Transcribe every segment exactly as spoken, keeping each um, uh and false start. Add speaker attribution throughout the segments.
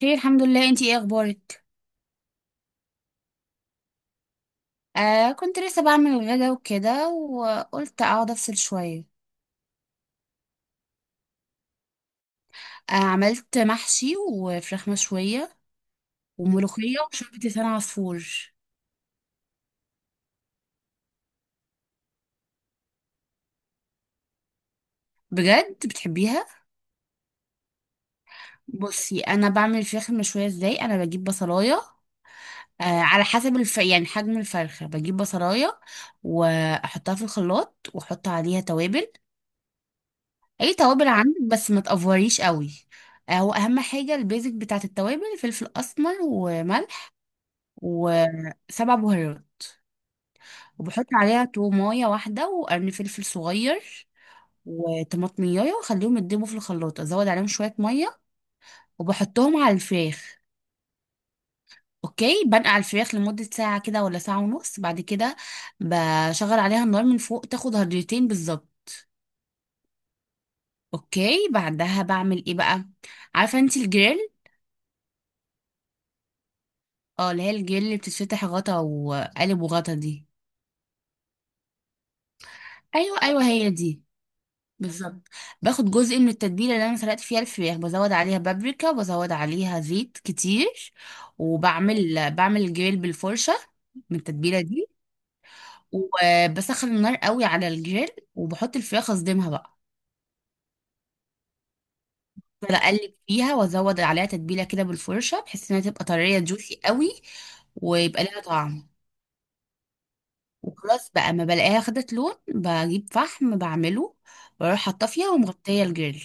Speaker 1: خير، الحمد لله. انتي ايه اخبارك؟ آه كنت لسه بعمل الغدا وكده، وقلت اقعد افصل شويه. آه عملت محشي وفراخ مشويه، وملوخيه وشوربه لسان عصفور. بجد بتحبيها؟ بصي، انا بعمل الفراخ المشويه ازاي. انا بجيب بصلايه آه، على حسب الف... يعني حجم الفرخه، بجيب بصلايه واحطها في الخلاط واحط عليها توابل. اي توابل عندك، بس ما تقفريش قوي. آه، واهم حاجه البيزك بتاعت التوابل فلفل اسمر وملح وسبع بهارات. وبحط عليها تومايه واحده وقرن فلفل صغير وطماطمية، واخليهم يتدبوا في الخلاط، ازود عليهم شويه ميه وبحطهم على الفراخ. اوكي، بنقع الفراخ لمده ساعه كده ولا ساعه ونص. بعد كده بشغل عليها النار من فوق، تاخد هضرتين بالظبط. اوكي، بعدها بعمل ايه بقى؟ عارفه انت الجريل؟ اه، اللي هي الجريل اللي بتتفتح غطا وقالب وغطا دي. ايوه ايوه، هي دي بالظبط. باخد جزء من التتبيله اللي انا سلقت فيها الفراخ، بزود عليها بابريكا وبزود عليها زيت كتير. وبعمل بعمل الجريل بالفرشه من التتبيله دي. وبسخن النار قوي على الجريل، وبحط الفراخ، اصدمها بقى. افضل اقلب فيها وازود عليها تتبيله كده بالفرشه، بحيث انها تبقى طريه جوسي قوي ويبقى لها طعم. وخلاص بقى، ما بلاقيها خدت لون، بجيب فحم بعمله واروح حاطه فيها ومغطيه الجريل.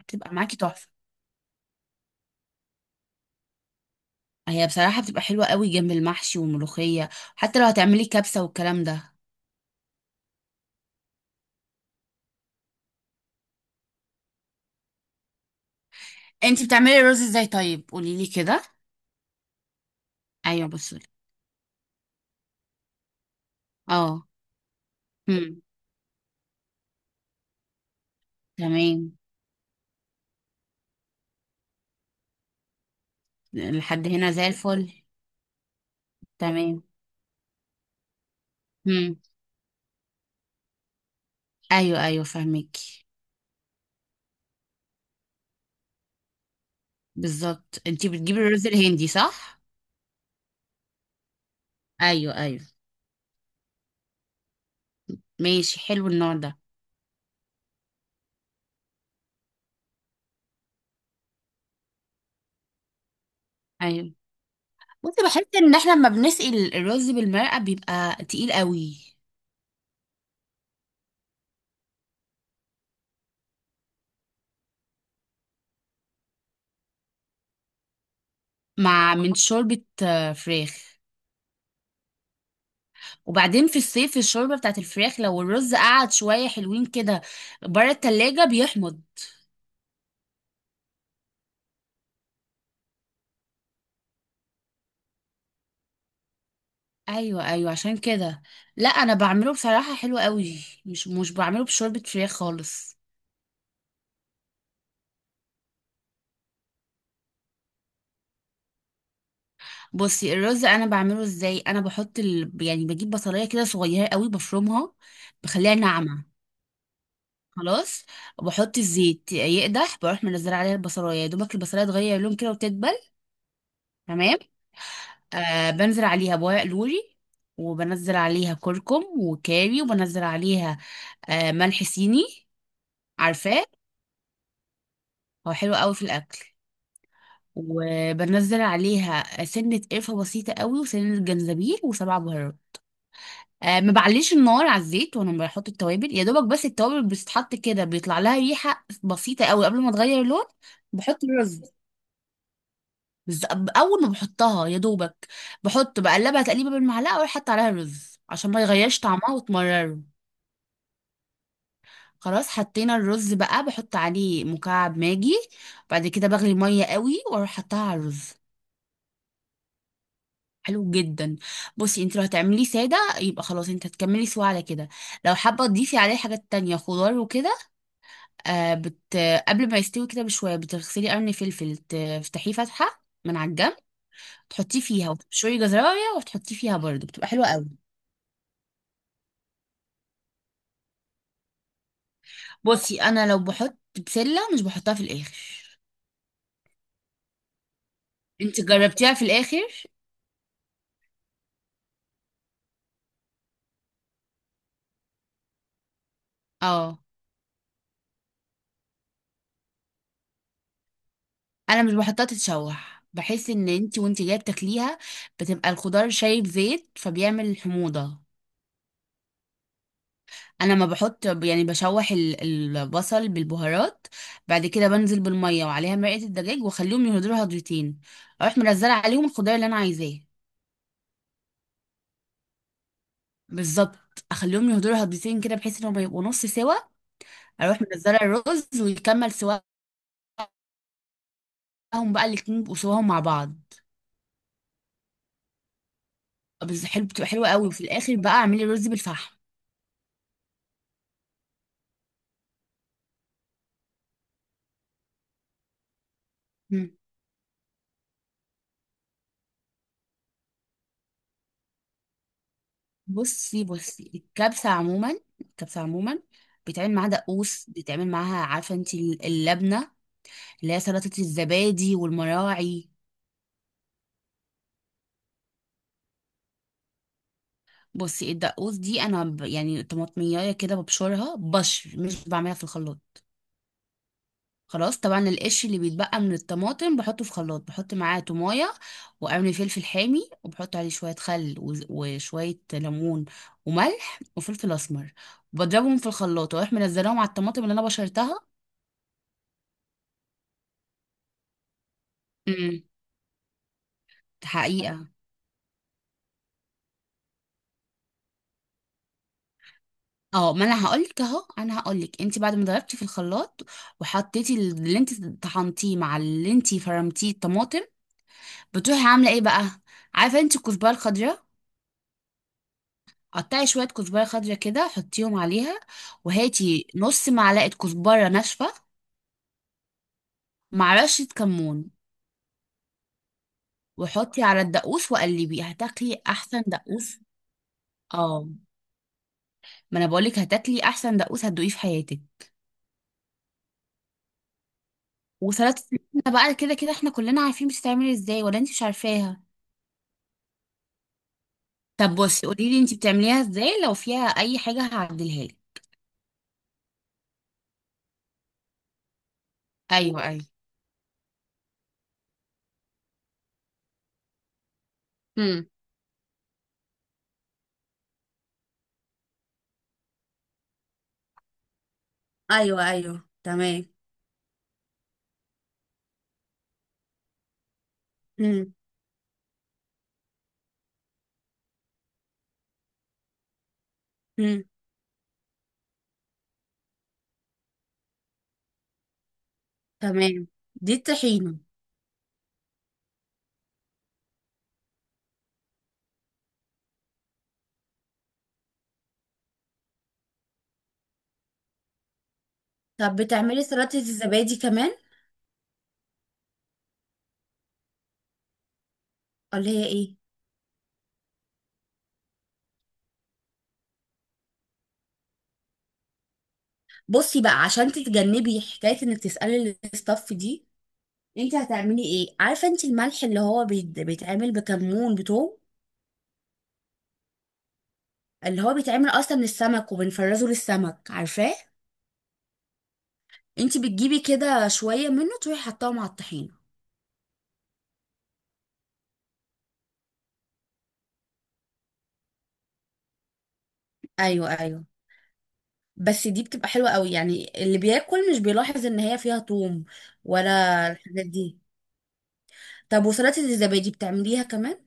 Speaker 1: بتبقى معاكي تحفه. هي بصراحة بتبقى حلوة قوي جنب المحشي والملوخية، حتى لو هتعملي كبسة والكلام ده. انتي بتعملي الرز ازاي؟ طيب قولي لي كده. ايوه بصي. اه. هم. تمام. لحد هنا زي الفل. تمام. هم. ايوه ايوه فاهمك. بالظبط، انتي بتجيبي الرز الهندي صح؟ ايوه ايوه، ماشي، حلو النوع ده. ايوه بصي، بحس ان احنا لما بنسقي الرز بالمرقة بيبقى تقيل قوي. مع من شوربة آه، فراخ. وبعدين في الصيف الشوربة بتاعت الفراخ، لو الرز قعد شوية حلوين كده بره التلاجة، بيحمض. ايوه ايوه، عشان كده. لا، انا بعمله بصراحة حلو قوي، مش مش بعمله بشوربة فراخ خالص. بصي، الرز انا بعمله ازاي. انا بحط ال... يعني بجيب بصلايه كده صغيره قوي بفرمها، بخليها ناعمه. خلاص. وبحط الزيت يقدح، بروح منزله عليها البصلايه، يا دوبك البصلايه تغير لون كده وتدبل. تمام. آه بنزل عليها بورق لوري، وبنزل عليها كركم وكاري، وبنزل عليها آه ملح صيني. عارفاه؟ هو حلو قوي في الاكل. وبنزل عليها سنة قرفة بسيطة قوي، وسنة جنزبيل، وسبع بهارات. آه ما بعليش النار على الزيت وانا بحط التوابل، يا دوبك بس التوابل بتتحط كده بيطلع لها ريحة بسيطة قوي قبل ما تغير اللون. بحط الرز. بز- اول ما بحطها يا دوبك، بحط بقلبها تقليبه بالمعلقه، واروح حاطه عليها رز عشان ما يغيرش طعمها وتمرره. خلاص، حطينا الرز بقى، بحط عليه مكعب ماجي. بعد كده بغلي الميه قوي واروح حطها على الرز. حلو جدا. بصي، انت لو هتعمليه ساده يبقى خلاص، انت هتكملي سوا على كده. لو حابه تضيفي عليه حاجات تانية خضار وكده، آه بت... قبل ما يستوي كده بشويه، بتغسلي قرن فلفل تفتحيه فتحه من على الجنب، تحطيه فيها وتبشري جزرايه وتحطيه فيها برضه، بتبقى حلوه قوي. بصي، انا لو بحط بسله، مش بحطها في الاخر. انت جربتيها في الاخر؟ اه. انا مش بحطها تتشوح، بحس ان انت وانت جايه بتاكليها بتبقى الخضار شايب زيت، فبيعمل حموضه. انا ما بحط، يعني بشوح ال- البصل بالبهارات. بعد كده بنزل بالميه وعليها مرقه الدجاج، واخليهم يهدروا هضرتين. اروح منزله عليهم الخضار اللي انا عايزاه. بالظبط، اخليهم يهدروا هضرتين كده بحيث انهم يبقوا نص سوا. اروح منزله الرز ويكمل سواهم. بقى الاتنين يبقوا سواهم مع بعض. بس حلو، بتبقى حلوه قوي. وفي الاخر بقى اعملي رز بالفحم. بصي بصي الكبسة عموما، الكبسة عموما بيتعمل معاها دقوس، بيتعمل معاها، عارفة انت اللبنة اللي هي سلطة الزبادي والمراعي؟ بصي، الدقوس دي انا ب- يعني طماطمية كده ببشرها بشر، مش بعملها في الخلاط. خلاص، طبعا القش اللي بيتبقى من الطماطم بحطه في خلاط، بحط معاه تومايه وقرن فلفل حامي، وبحط عليه شويه خل وز- وشويه ليمون وملح وفلفل اسمر. بضربهم في الخلاط واروح منزلاهم على الطماطم اللي انا بشرتها. حقيقة؟ اه، ما انا هقولك اهو. انا هقولك انت بعد ما ضربتي في الخلاط، وحطيتي اللي انت طحنتيه مع اللي انت فرمتيه الطماطم، بتروحي عامله ايه بقى؟ عارفه انت الكزبره الخضراء؟ قطعي شويه كزبره خضراء كده، حطيهم عليها، وهاتي نص معلقه كزبره ناشفه مع رشه كمون، وحطي على الدقوس وقلبي، هتاكلي احسن دقوس. اه، ما انا بقولك هتاكلي احسن دقوس هتدوقيه في حياتك. وسلطه اللحمة بقى، كده كده احنا كلنا عارفين بتتعمل ازاي، ولا انت مش عارفاها؟ طب بصي، قولي لي انت بتعمليها ازاي، لو فيها اي حاجه هعدلها لك. ايوه ايوه. امم. ايوه ايوه. تمام. امم. امم. تمام. دي الطحينه. طب بتعملي سلطه الزبادي كمان؟ ولا هي ايه؟ بصي بقى، عشان تتجنبي حكايه انك تسالي الاستاف دي، انت هتعملي ايه؟ عارفه انت الملح اللي هو بيت- بيتعمل بكمون بتوم، اللي هو بيتعمل اصلا من السمك وبنفرزه للسمك؟ عارفاه؟ انت بتجيبي كده شويه منه، تروحي حطاه مع الطحينه. ايوه ايوه. بس دي بتبقى حلوة قوي، يعني اللي بياكل مش بيلاحظ ان هي فيها توم ولا الحاجات دي. طب، وسلطة الزبادي بتعمليها كمان؟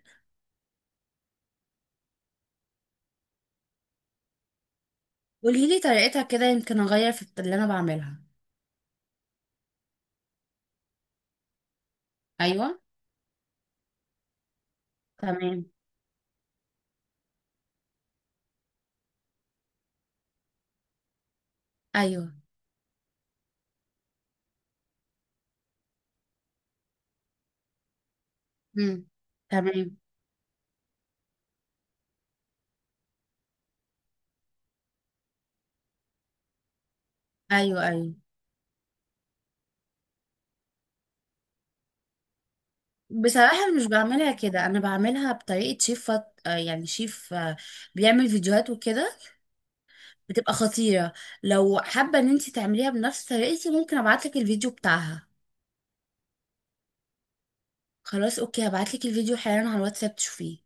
Speaker 1: قولي لي طريقتها كده، يمكن اغير في اللي انا بعملها. ايوه. تمام. ايوه. امم. تمام. ايوه ايوه. بصراحة مش بعملها كده، انا بعملها بطريقة شيف فط... آه، يعني شيف آه، بيعمل فيديوهات وكده، بتبقى خطيرة. لو حابة ان انت تعمليها بنفس طريقتي ممكن ابعتلك الفيديو بتاعها. خلاص، اوكي، هبعتلك الفيديو حالا على الواتساب تشوفيه.